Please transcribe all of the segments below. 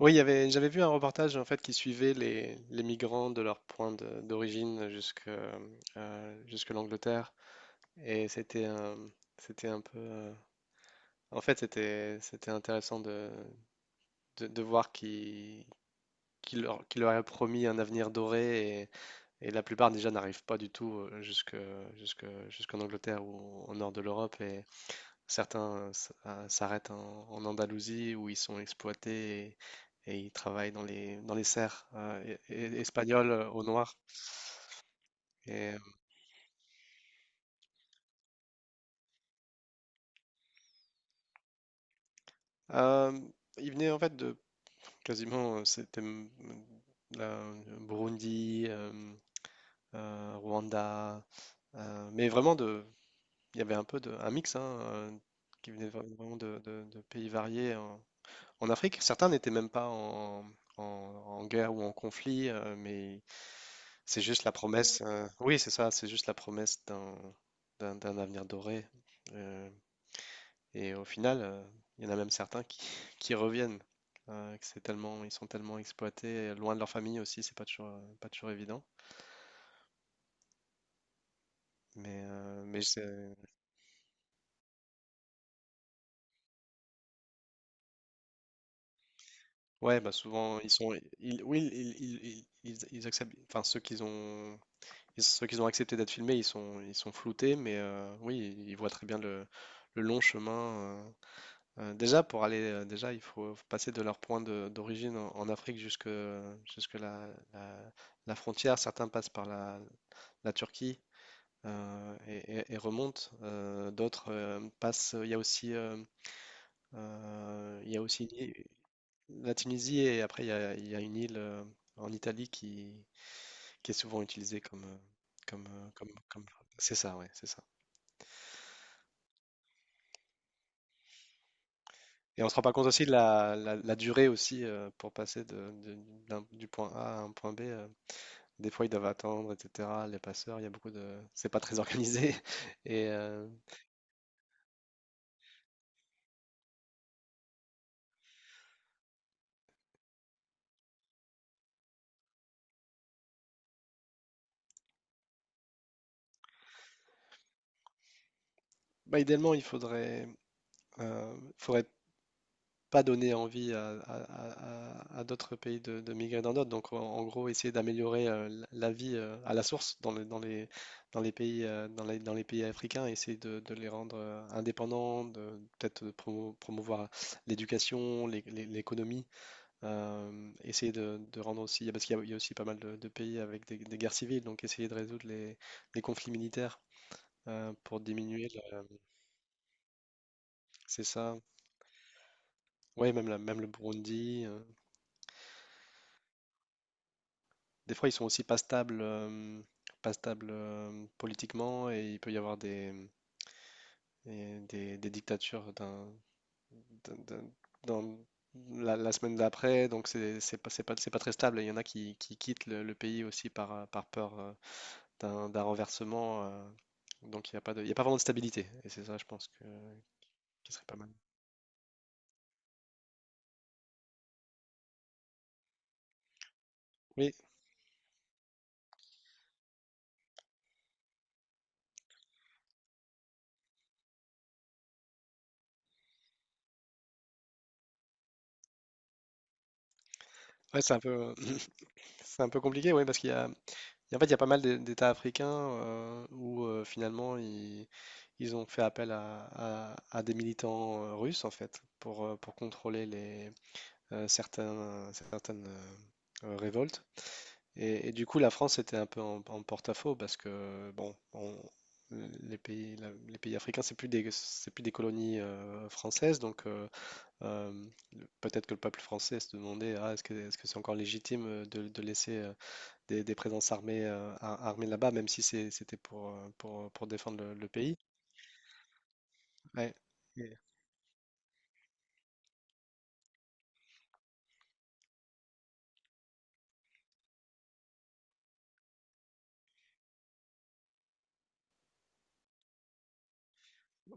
Oui, il y avait, j'avais vu un reportage en fait qui suivait les migrants de leur point d'origine jusque l'Angleterre. Et c'était un, c'était un peu en fait c'était intéressant de voir qui leur a promis un avenir doré, et la plupart déjà n'arrivent pas du tout, jusque jusque jusqu'en Angleterre ou au nord de l'Europe. Certains s'arrêtent en Andalousie où ils sont exploités, et ils travaillent dans les serres, espagnoles, au noir. Et, euh, ils venaient en fait de quasiment, c'était m- m- la- Burundi, Rwanda, mais vraiment de, il y avait un peu de, un mix hein, qui venait vraiment de pays variés en Afrique. Certains n'étaient même pas en- en guerre ou en conflit, mais c'est juste la promesse. Oui, c'est ça, c'est juste la promesse d'un avenir doré. euh, et au final, il y en a même certains qui, qui reviennent. Que c'est tellement, ils sont tellement exploités, loin de leur famille aussi. C'est pas toujours, évident. Mais euh, mais c'est- ouais, bah souvent ils sont, ils, oui, ils acceptent. Enfin, ceux qu'ils ont, ceux qu'ils ont accepté d'être filmés, ils sont floutés. Mais oui, ils voient très bien le long chemin. euh, Déjà, pour aller, il faut passer de leur point d'origine en Afrique jusque, jusque la, la- la frontière. Certains passent par la Turquie, et remontent. D'autres passent. Il y a aussi, il y a aussi la Tunisie, et après il y a une île en Italie qui est souvent utilisée comme. C'est ça, ouais, c'est ça. Et on se rend pas compte aussi de la durée aussi, pour passer du point A à un point B. Des fois, ils doivent attendre, etc. Les passeurs, il y a beaucoup de. C'est pas très organisé. Et bah, idéalement, faudrait pas donner envie à d'autres pays de migrer dans d'autres. Donc, en gros, essayer d'améliorer, la vie, à la source dans les pays, dans les pays africains. Essayer de les rendre, indépendants, de peut-être promouvoir l'éducation, l'économie. Essayer de rendre aussi, parce qu'il y a aussi pas mal de pays avec des guerres civiles, donc essayer de résoudre les conflits militaires, pour diminuer. C'est ça. Ouais, même, même le Burundi. Des fois, ils sont aussi pas stables, politiquement, et il peut y avoir des, et des dictatures, d'un- d'un- dans la semaine d'après. Donc c'est pas très stable. Et il y en a qui quittent le pays aussi par, par peur, d'un renversement. Donc il y a pas vraiment de stabilité. Et c'est ça, je pense, qui serait pas mal. Oui, ouais, c'est un peu, c'est un peu compliqué, oui, parce qu'il y a, en fait, il y a pas mal d'États africains, où finalement ils, ils ont fait appel à des militants russes en fait pour contrôler les, certains, certaines, révoltes. Et du coup, la France était un peu en porte-à-faux, parce que, bon, les pays africains, c'est plus des colonies, françaises. Donc, euh, peut-être que le peuple français se demandait, ah, est-ce que c'est encore légitime, de laisser, des présences armées, armées là-bas, même si c'était pour, pour défendre le pays. Ouais. Et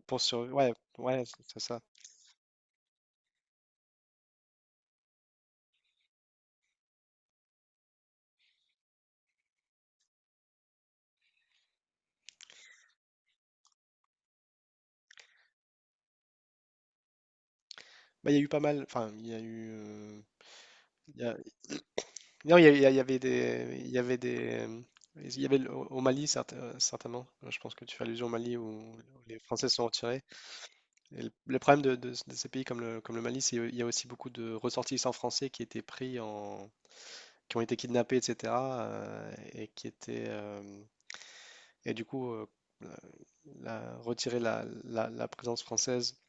Ouais, ouais, c'est ça. Bah, il y a eu pas mal, enfin, il y a eu, il y a- non, il y, il y avait des, il y avait des, il y avait au au Mali, certainement. Je pense que tu fais allusion au Mali où les Français se sont retirés. Et le problème de ces pays comme le Mali, c'est qu'il y a aussi beaucoup de ressortissants français qui étaient pris en, qui ont été kidnappés, etc. Et qui étaient, et du coup, la- la- Retirer la présence française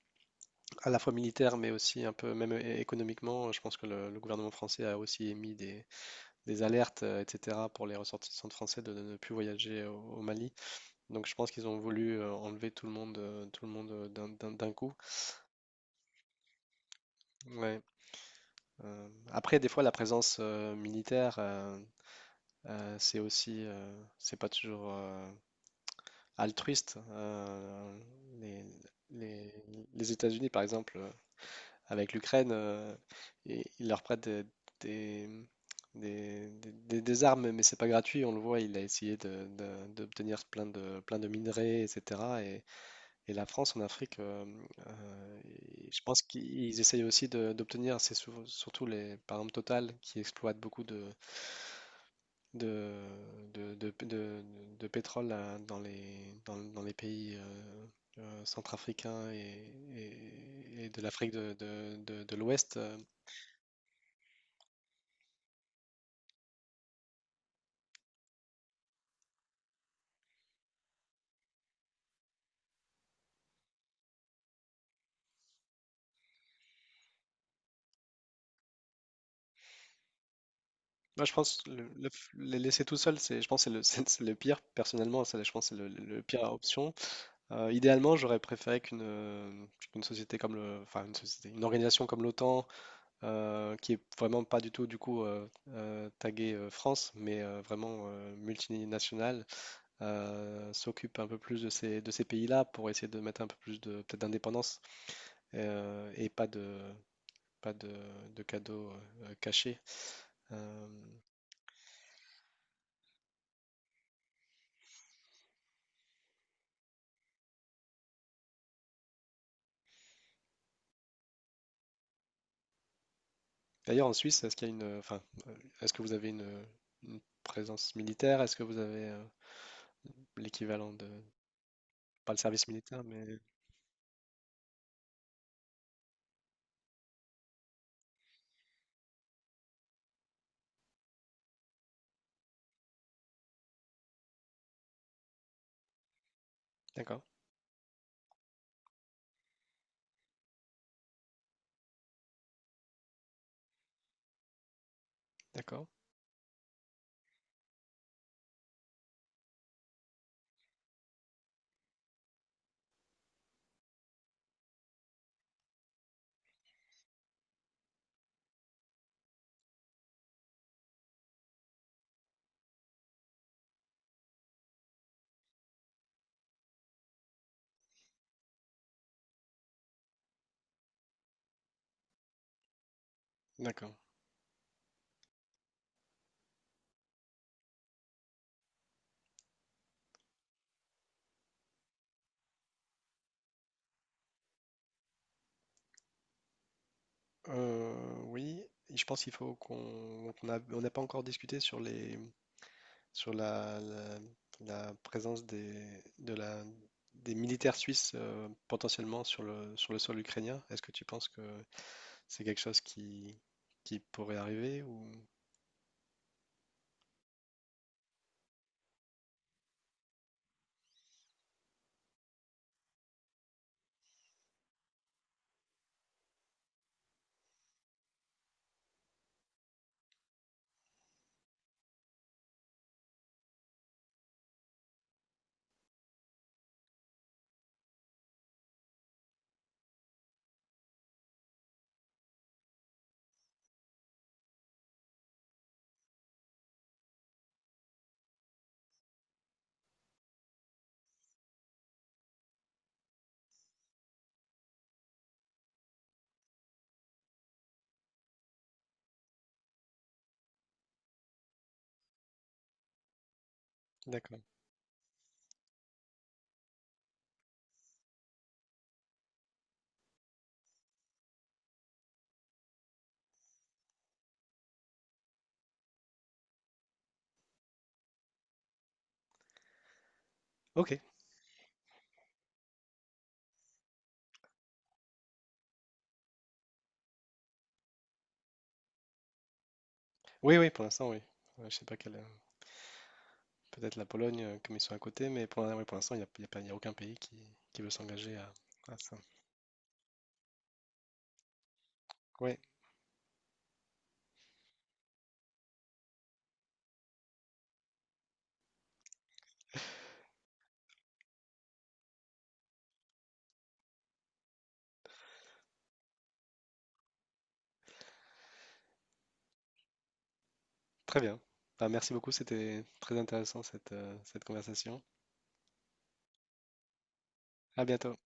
à la fois militaire, mais aussi un peu même économiquement. Je pense que le gouvernement français a aussi émis des alertes, etc., pour les ressortissants français de ne plus voyager, au Mali. Donc je pense qu'ils ont voulu, enlever tout le monde, d'un coup. Ouais. Après, des fois, la présence, militaire, c'est aussi, c'est pas toujours, altruiste. Les, les- les États-Unis, par exemple, avec l'Ukraine, et il leur prête des, des- des armes, mais c'est pas gratuit. On le voit, il a essayé d'obtenir plein de minerais, etc. Et la France en Afrique, et je pense qu'ils essayent aussi d'obtenir, c'est surtout les, par exemple Total, qui exploite beaucoup de, de, de- de- de pétrole, dans les, dans les pays, centrafricains, et de l'Afrique de l'Ouest. Moi, je pense le les laisser tout seul, c'est, je pense, que c'est le, c'est le pire. Personnellement, c'est, je pense, que c'est le pire option. Idéalement, j'aurais préféré qu'une société comme le, enfin, une société, une organisation comme l'OTAN, qui est vraiment pas du tout du coup, taguée, France, mais vraiment, multinationale, s'occupe un peu plus de ces pays-là, pour essayer de mettre un peu plus de peut-être d'indépendance, et pas de cadeaux, cachés. Euh, D'ailleurs, en Suisse, est-ce qu'il y a une, enfin, euh, est-ce que vous avez une présence militaire? Est-ce que vous avez, l'équivalent de, pas le service militaire, mais d'accord, d'accord, d'accord. Oui, et je pense qu'il faut on n'a pas encore discuté sur les, sur la présence des, de la, des militaires suisses, potentiellement sur le sol ukrainien. Est-ce que tu penses que c'est quelque chose qui pourrait arriver ou? D'accord. Ok. Oui, oui, pour l'instant, oui. Je sais pas quelle, peut-être la Pologne, comme ils sont à côté, mais oui, pour l'instant, il n'y a, il y a pas, il y a aucun pays qui veut s'engager à ça. Oui, très bien. Bah, merci beaucoup, c'était très intéressant cette conversation. À bientôt.